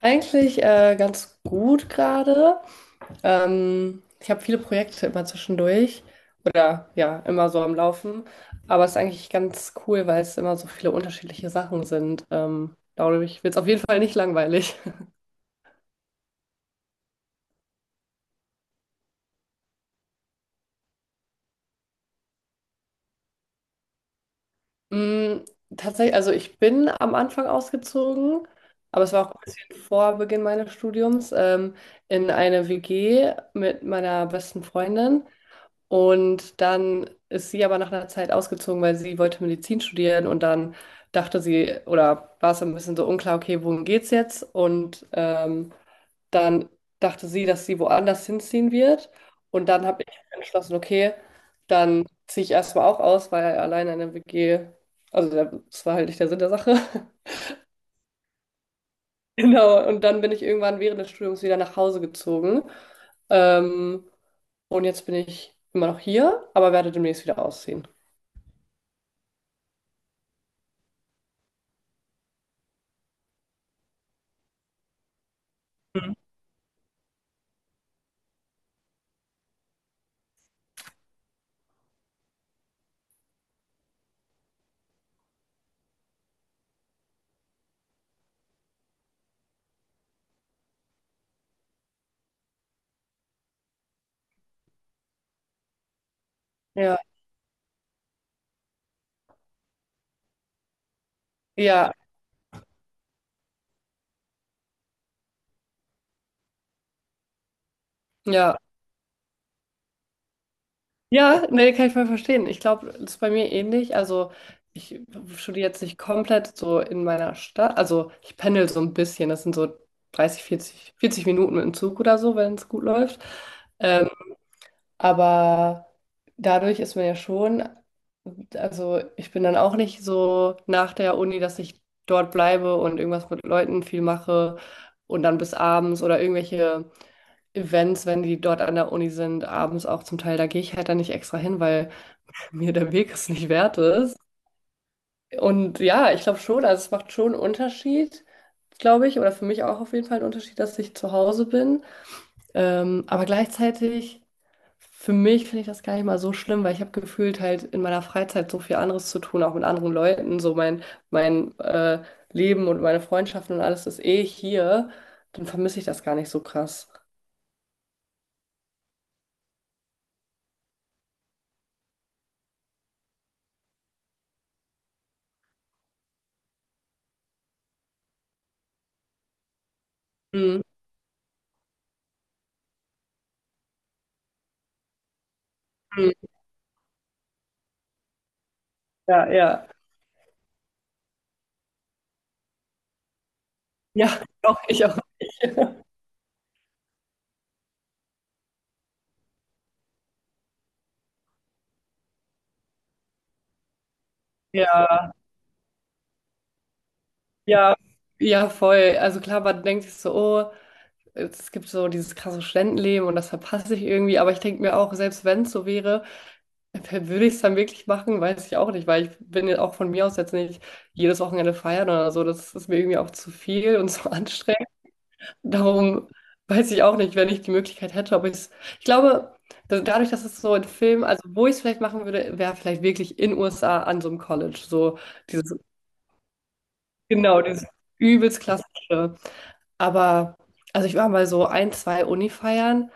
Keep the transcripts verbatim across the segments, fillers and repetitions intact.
Eigentlich äh, ganz gut gerade. Ähm, ich habe viele Projekte immer zwischendurch oder ja, immer so am Laufen. Aber es ist eigentlich ganz cool, weil es immer so viele unterschiedliche Sachen sind. Ähm, dadurch wird es auf jeden Fall nicht langweilig. Mm, Tatsächlich, also ich bin am Anfang ausgezogen, aber es war auch ein bisschen vor Beginn meines Studiums, ähm, in eine W G mit meiner besten Freundin. Und dann ist sie aber nach einer Zeit ausgezogen, weil sie wollte Medizin studieren und dann dachte sie, oder war es ein bisschen so unklar, okay, wohin geht's jetzt? Und ähm, dann dachte sie, dass sie woanders hinziehen wird. Und dann habe ich entschlossen, okay, dann ziehe ich erstmal auch aus, weil alleine in der W G, also der- das war halt nicht der Sinn der Sache. Genau. Und dann bin ich irgendwann während des Studiums wieder nach Hause gezogen. Ähm, und jetzt bin ich immer noch hier, aber werde demnächst wieder ausziehen. Ja, ja, ja. Ja, nee, kann ich voll verstehen. Ich glaube, das ist bei mir ähnlich. Also, ich studiere jetzt nicht komplett so in meiner Stadt. Also, ich pendel so ein bisschen. Das sind so dreißig, vierzig, vierzig Minuten mit dem Zug oder so, wenn es gut läuft. Ähm, Aber dadurch ist man ja schon, also ich bin dann auch nicht so nach der Uni, dass ich dort bleibe und irgendwas mit Leuten viel mache und dann bis abends oder irgendwelche Events, wenn die dort an der Uni sind, abends auch zum Teil, da gehe ich halt dann nicht extra hin, weil mir der Weg es nicht wert ist. Und ja, ich glaube schon, also es macht schon einen Unterschied, glaube ich, oder für mich auch auf jeden Fall einen Unterschied, dass ich zu Hause bin. Ähm, aber gleichzeitig, für mich finde ich das gar nicht mal so schlimm, weil ich habe gefühlt halt in meiner Freizeit so viel anderes zu tun, auch mit anderen Leuten. So mein, mein äh, Leben und meine Freundschaften und alles ist eh hier. Dann vermisse ich das gar nicht so krass. Mhm. Mhm. Ja, ja. Ja, doch, ich auch nicht. Ja, ja, ja, voll. Also klar, man denkt sich so, oh, es gibt so dieses krasse Studentenleben und das verpasse ich irgendwie. Aber ich denke mir auch, selbst wenn es so wäre, würde ich es dann wirklich machen, weiß ich auch nicht, weil ich bin ja auch von mir aus jetzt nicht jedes Wochenende feiern oder so. Das ist mir irgendwie auch zu viel und zu anstrengend. Darum weiß ich auch nicht, wenn ich die Möglichkeit hätte, ob ich es. Ich glaube, da- dadurch, dass es so in Film, also wo ich es vielleicht machen würde, wäre vielleicht wirklich in U S A an so einem College. So dieses, genau, dieses übelst klassische. Aber, also ich war mal so ein, zwei Uni-Feiern.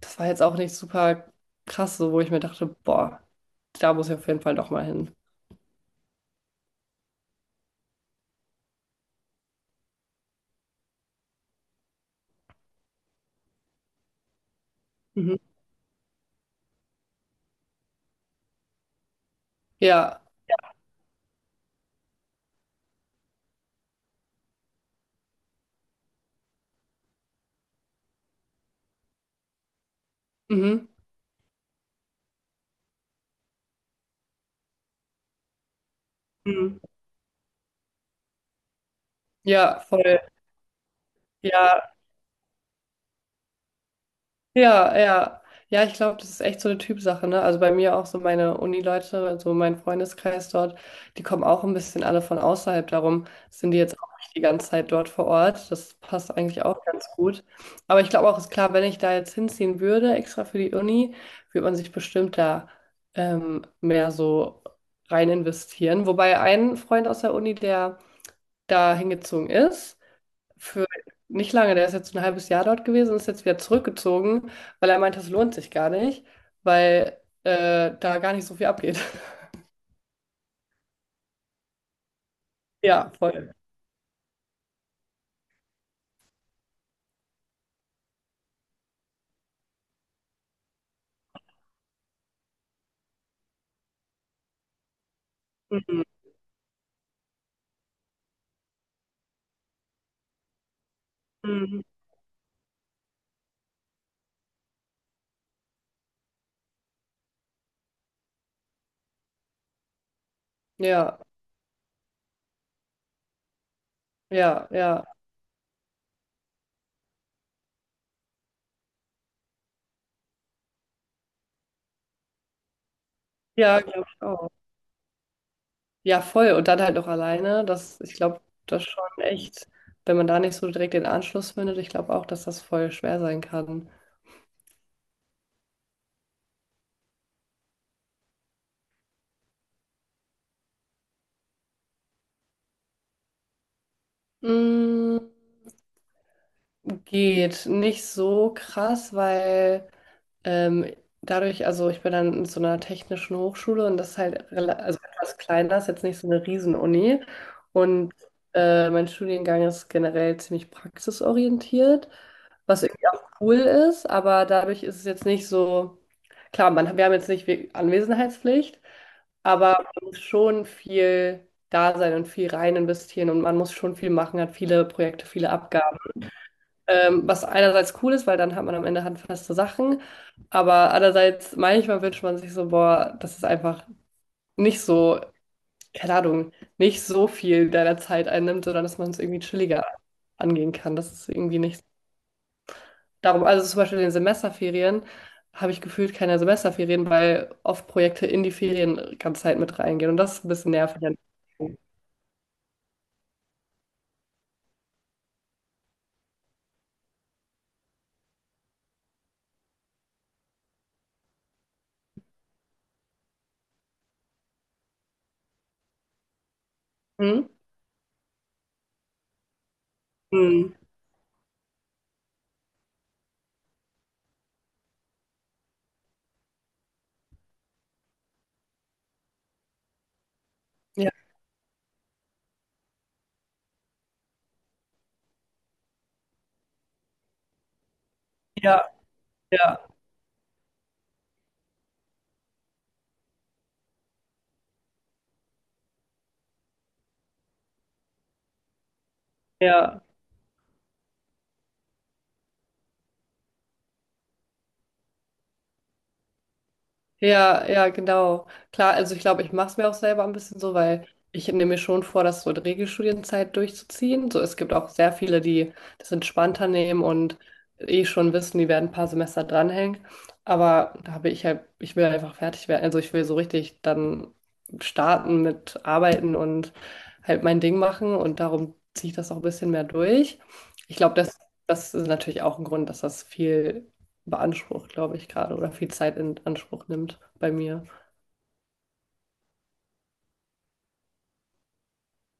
Das war jetzt auch nicht super krass, so wo ich mir dachte, boah, da muss ich auf jeden Fall doch mal hin. Mhm. Ja, mhm. Mhm. Ja, voll. Ja, ja, ja. Ja, ich glaube, das ist echt so eine Typsache, ne? Also bei mir auch so meine Uni-Leute, also mein Freundeskreis dort, die kommen auch ein bisschen alle von außerhalb. Darum sind die jetzt auch nicht die ganze Zeit dort vor Ort. Das passt eigentlich auch ganz gut. Aber ich glaube auch, ist klar, wenn ich da jetzt hinziehen würde, extra für die Uni, würde man sich bestimmt da ähm, mehr so rein investieren. Wobei ein Freund aus der Uni, der da hingezogen ist, für nicht lange, der ist jetzt ein halbes Jahr dort gewesen und ist jetzt wieder zurückgezogen, weil er meinte, es lohnt sich gar nicht, weil äh, da gar nicht so viel abgeht. Ja, voll. Mhm. Mhm. Ja, ja, ja. Ja, glaube ich auch. Ja, voll. Und dann halt noch alleine. Das, ich glaube, das schon echt, wenn man da nicht so direkt den Anschluss findet, ich glaube auch, dass das voll schwer sein kann. Mm, Geht nicht so krass, weil Ähm, dadurch, also ich bin dann in so einer technischen Hochschule und das ist halt rela- also etwas kleiner, ist jetzt nicht so eine Riesenuni. Und äh, mein Studiengang ist generell ziemlich praxisorientiert, was irgendwie auch cool ist, aber dadurch ist es jetzt nicht so, klar, man, wir haben jetzt nicht wie- Anwesenheitspflicht, aber man muss schon viel da sein und viel rein investieren und man muss schon viel machen, hat viele Projekte, viele Abgaben. Ähm, was einerseits cool ist, weil dann hat man am Ende handfeste Sachen, aber andererseits manchmal wünscht man sich so, boah, dass es einfach nicht so, keine Ahnung, nicht so viel deiner Zeit einnimmt, sondern dass man es irgendwie chilliger angehen kann. Das ist irgendwie nicht darum. Also zum Beispiel in den Semesterferien habe ich gefühlt keine Semesterferien, weil oft Projekte in die Ferien ganze Zeit mit reingehen und das ist ein bisschen nervig. Hm? Hm. Ja, ja, ja, ja. Ja, ja, genau. Klar, also ich glaube, ich mache es mir auch selber ein bisschen so, weil ich nehme mir schon vor, das so in Regelstudienzeit durchzuziehen. So, es gibt auch sehr viele, die das entspannter nehmen und äh, eh schon wissen, die werden ein paar Semester dranhängen. Aber da habe ich halt, ich will einfach fertig werden. Also ich will so richtig dann starten mit Arbeiten und halt mein Ding machen und darum ziehe ich das auch ein bisschen mehr durch. Ich glaube, das, das ist natürlich auch ein Grund, dass das viel beansprucht, glaube ich, gerade oder viel Zeit in Anspruch nimmt bei mir.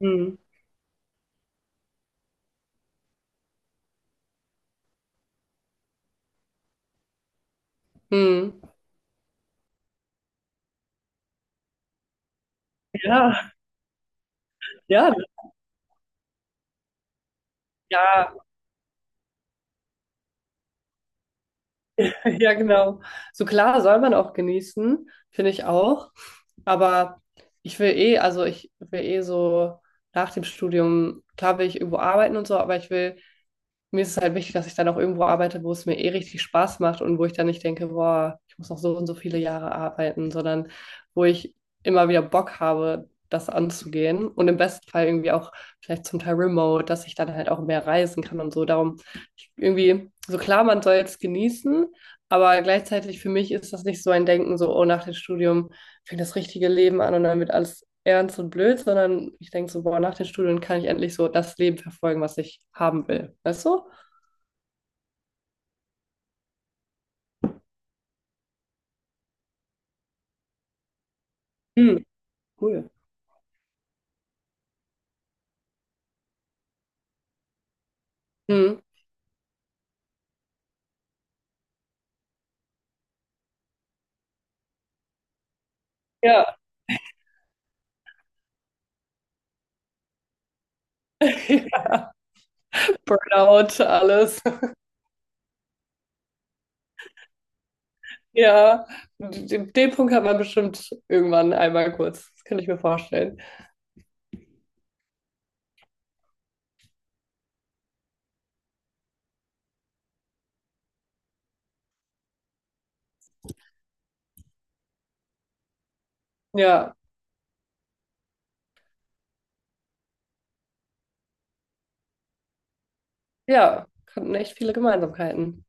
Mhm. Mhm. Ja, ja, ja, ja, genau. So klar soll man auch genießen, finde ich auch. Aber ich will eh, also ich will eh so nach dem Studium, klar will ich irgendwo arbeiten und so, aber ich will mir ist es halt wichtig, dass ich dann auch irgendwo arbeite, wo es mir eh richtig Spaß macht und wo ich dann nicht denke, boah, ich muss noch so und so viele Jahre arbeiten, sondern wo ich immer wieder Bock habe, das anzugehen und im besten Fall irgendwie auch vielleicht zum Teil remote, dass ich dann halt auch mehr reisen kann und so. Darum irgendwie, so klar, man soll es genießen, aber gleichzeitig für mich ist das nicht so ein Denken, so, oh, nach dem Studium fängt das richtige Leben an und dann wird alles ernst und blöd, sondern ich denke so, boah, nach den Studien kann ich endlich so das Leben verfolgen, was ich haben will. Weißt du? Hm, cool. Hm. Ja, Burnout, alles. Ja, den, den Punkt hat man bestimmt irgendwann einmal kurz. Das könnte ich mir vorstellen. Ja, ja, hatten echt viele Gemeinsamkeiten.